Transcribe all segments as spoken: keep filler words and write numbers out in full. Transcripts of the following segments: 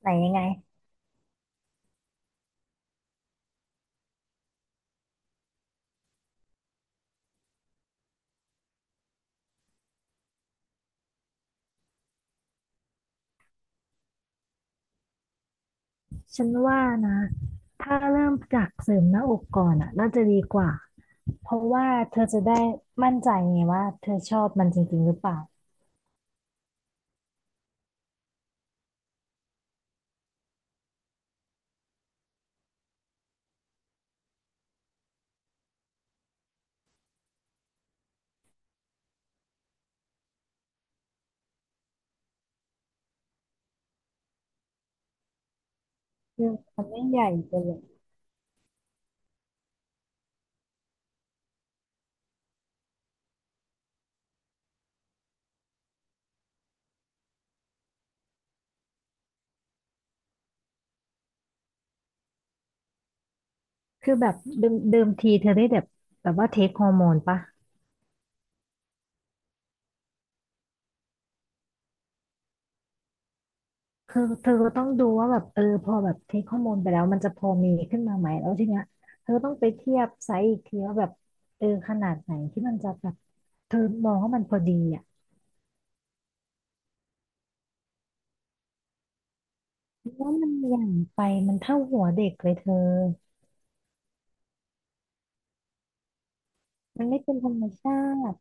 ไหนยังไง ฉันว่านะ ถ้าเริ่มจากเสริมหน้าอกก่อนอ่ะน่าจะดีกว่า เพราะว่าเธอจะได้มั่นใจไงว่าเธอชอบมันจริงๆหรือเปล่าคือมันไม่ใหญ่ไปเลยคือแบบเดิมเดิมทีเธอได้แบบแบบว่าเทคฮอร์โมนปะคือเธอก็ต้องดูว่าแบบเออพอแบบเทคฮอร์โมนไปแล้วมันจะพอมีขึ้นมาไหมแล้วทีเนี้ยเธอต้องไปเทียบไซส์อีกทีว่าแบบเออขนาดไหนที่มันจะแบบเธอมองว่ามันพอดีอ่ะเพราะว่ามันใหญ่ไปมันเท่าหัวเด็กเลยเธอ มันไม่เป็นธรรมชาติ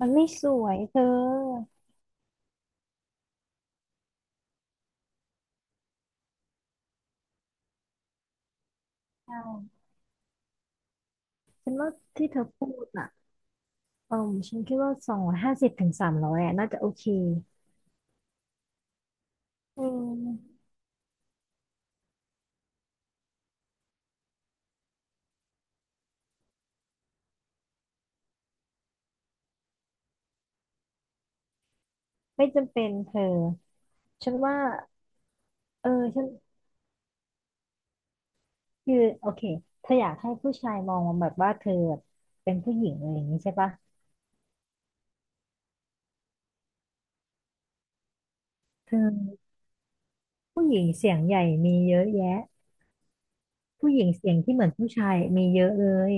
มันไม่สวยเธอใช่ฉันว่าที่เธอพูดอ่ะเออฉันคิดว่าสองร้อยห้าสิบถึงสามร้อยอ่ะน่าจะโอเคอืมไม่จำเป็นเธอฉันว่าเออฉันคือโอเคเธออยากให้ผู้ชายมองแบบว่าเธอเป็นผู้หญิงอะไรอย่างนี้ใช่ปะเธอผู้หญิงเสียงใหญ่มีเยอะแยะผู้หญิงเสียงที่เหมือนผู้ชายมีเยอะเลย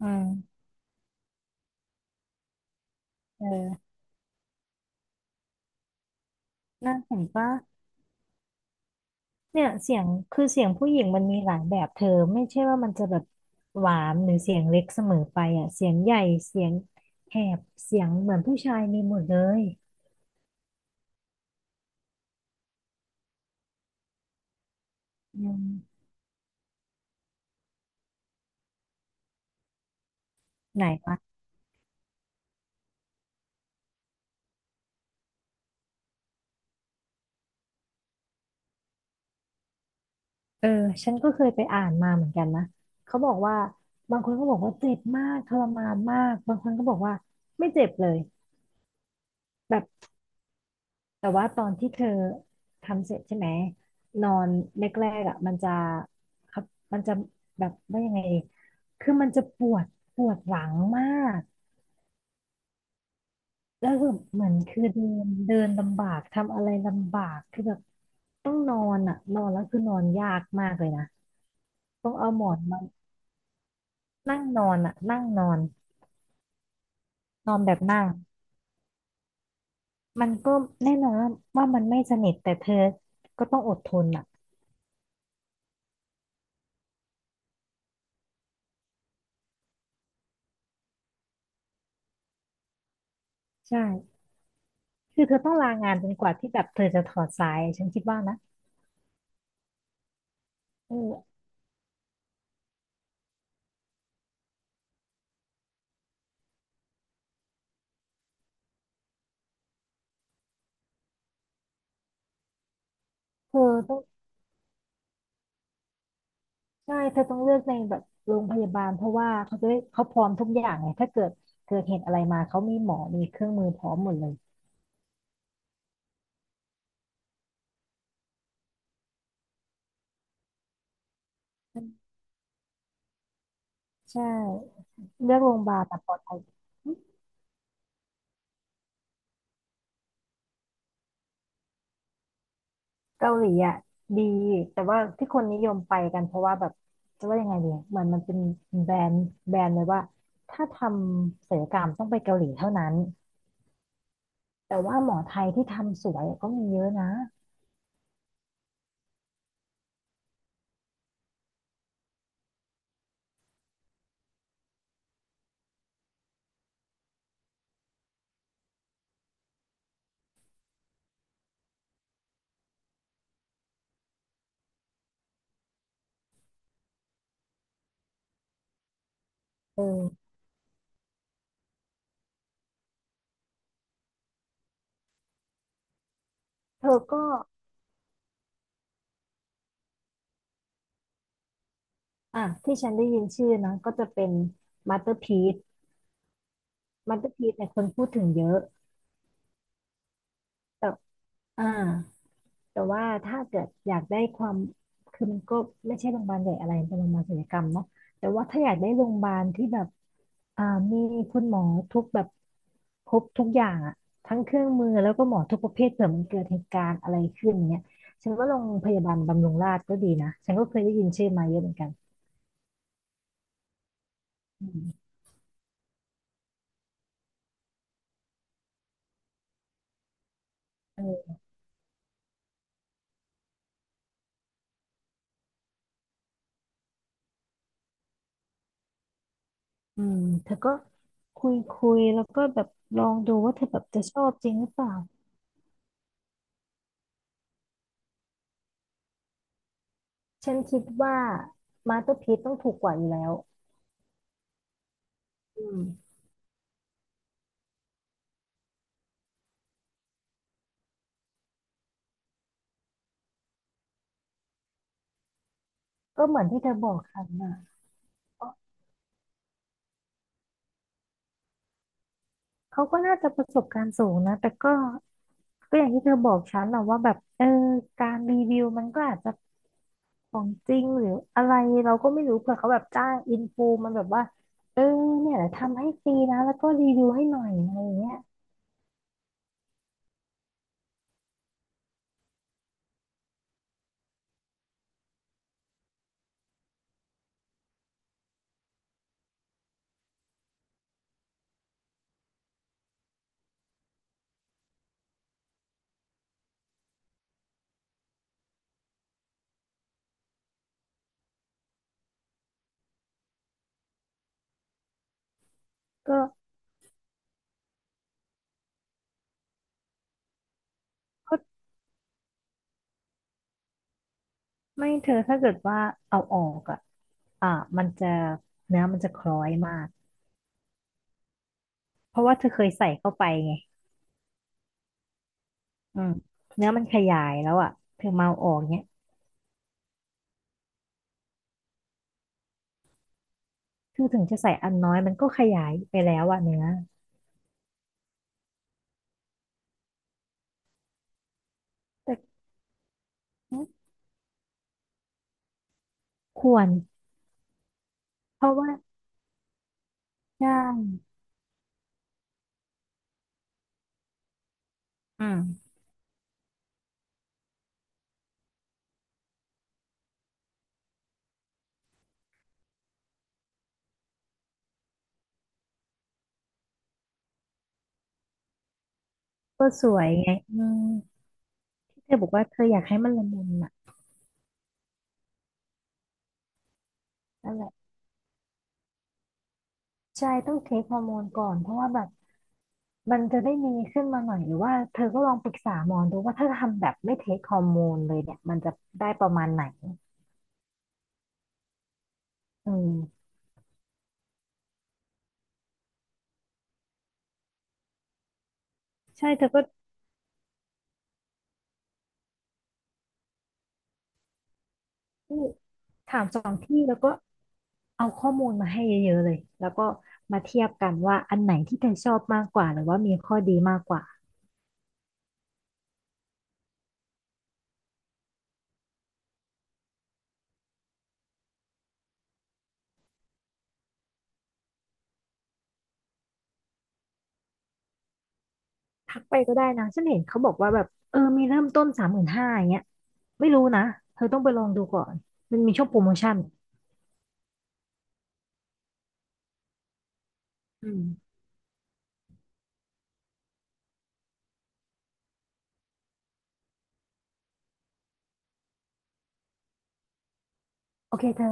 อืมเออน่าเห็นปะ เนี่ยเสียงคือเสียงผู้หญิงมันมีหลายแบบเธอไม่ใช่ว่ามันจะแบบหวานหรือเสียงเล็กเสมอไปอ่ะเสียงใหญ่เสียงแหบเสียงเหมือนผู้ชายมีหมดเลยอืมไหนวะเออฉันก็เคยไปอ่านมาเหมือนกันนะเขาบอกว่าบางคนก็บอกว่าเจ็บมากทรมานมากบางคนก็บอกว่าไม่เจ็บเลยแบบ แต่ว่าตอนที่เธอทำเสร็จใช่ไหมนอนแรกๆอ่ะมันจะครับมันจะแบบว่ายังไงดีคือมันจะปวดปวดหลังมากแล้วคือเหมือนคือเดินเดินลำบากทำอะไรลำบากคือแบบต้องนอนอ่ะนอนแล้วคือนอนยากมากเลยนะต้องเอาหมอนมานั่งนอนอ่ะนั่งนอนนอนแบบนั่งมันก็แน่นอนว่าว่ามันไม่สนิทแต่เธอก็ต้องอดทนอ่ะใช่ คือเธอต้องลางานจนกว่าที่แบบเธอจะถอดสายฉันคิดว่านะเออเธอต้องใช่เธอต้องเลือกในแบบโรงพยาบาลเพราะว่าเขาจะได้เขาพร้อมทุกอย่างไงถ้าเกิดเกิดเหตุอะไรมาเขามีหมอมีเครื่องมือพร้อมหมดเลยใช่เลือกโรงพยาบาลแบบปลอดภัยหึเกาหลีอ่ะดีแต่ว่าที่คนนิยมไปกันเพราะว่าแบบจะว่ายังไงดีอะเหมือนมันเป็นแบรนด์แบรนด์เลยว่าถ้าทำศัลยกรรมต้องไปเกาหลีเท่านั้นแต่ว่าหมอไทยที่ทำสวยก็มีเยอะนะเออ เธอก็อ่ะที่ฉันได้ยินชื่อนะก็จะเป็นมาสเตอร์พี e มาสเตอร์พี อี เนี่ยคนพูดถึงเยอะแต่อ่าแต่ว่าถ้าเกิดอยากได้ความคือมันก็ไม่ใช่โรงพยาบาลใหญ่อะไรเป็นโรงพยาบาลศัลยกรรมเนาะแต่ว่าถ้าอยากได้โรงพยาบาลที่แบบอ่ามีคุณหมอทุกแบบครบทุกอย่างอะทั้งเครื่องมือแล้วก็หมอทุกประเภทเผื่อมันเกิดเหตุการณ์อะไรขึ้นเนี่ยฉันว่าโรงพยาบาลบำรุงราษฎร์ก็ดีนะฉันก็เคยได้ยินชื่อมาเยอะเหมือนกันอืมเออ อืมเธอก็คุยคุยแล้วก็แบบลองดูว่าเธอแบบจะชอบจริงหรือเปล่าฉันคิดว่ามาสเตอร์พีซต้องถูกกว่าอยู่แล้วอืมก็เหมือนที่เธอบอกฉันนะก็เขาก็น่าจะประสบการณ์สูงนะแต่ก็ก็อย่างที่เธอบอกฉันนะว่าแบบเออการรีวิวมันก็อาจจะของจริงหรืออะไรเราก็ไม่รู้เผื่อเขาแบบจ้างอินฟูมันแบบว่าเออเนี่ยทำให้ฟรีนะแล้วก็รีวิวให้หน่อยอะไรอย่างเงี้ยก็ก็ ไม่เธอถ้าเกิดว่าเอาออกอ่ะอ่ามันจะเนื้อมันจะคล้อยมากเพราะว่าเธอเคยใส่เข้าไปไงอืมเนื้อมันขยายแล้วอ่ะเธอเมาเอาออกเนี้ยคือถึงจะใส่อันน้อยมันก็ขยายไปแล้วอ่ะเนื้อแต่ควรเพราะว่าใช่อืมก็สวยไงอืมที่เธอบอกว่าเธออยากให้มันละมุนอ่ะนั่นแหละใช่ต้องเทคฮอร์โมนก่อนเพราะว่าแบบ มันจะได้มีขึ้นมาหน่อยหรือว่าเธอก็ลองปรึกษาหมอดูว่าถ้าทำแบบไม่เทคฮอร์โมนเลยเนี่ยมันจะได้ประมาณไหนอืมใช่เธอก็ถามสองที่แล้วก็เอาข้อมูลมาให้เยอะๆเลยแล้วก็มาเทียบกันว่าอันไหนที่เธอชอบมากกว่าหรือว่ามีข้อดีมากกว่าทักไปก็ได้นะฉันเห็นเขาบอกว่าแบบเออมีเริ่มต้นสามหมื่นห้าอย่างเงี้ยไม่รู้นะเธอต้องไปลองดูก่อนมันมีช่วงโปรโมชั่นอืมโอเคเธอ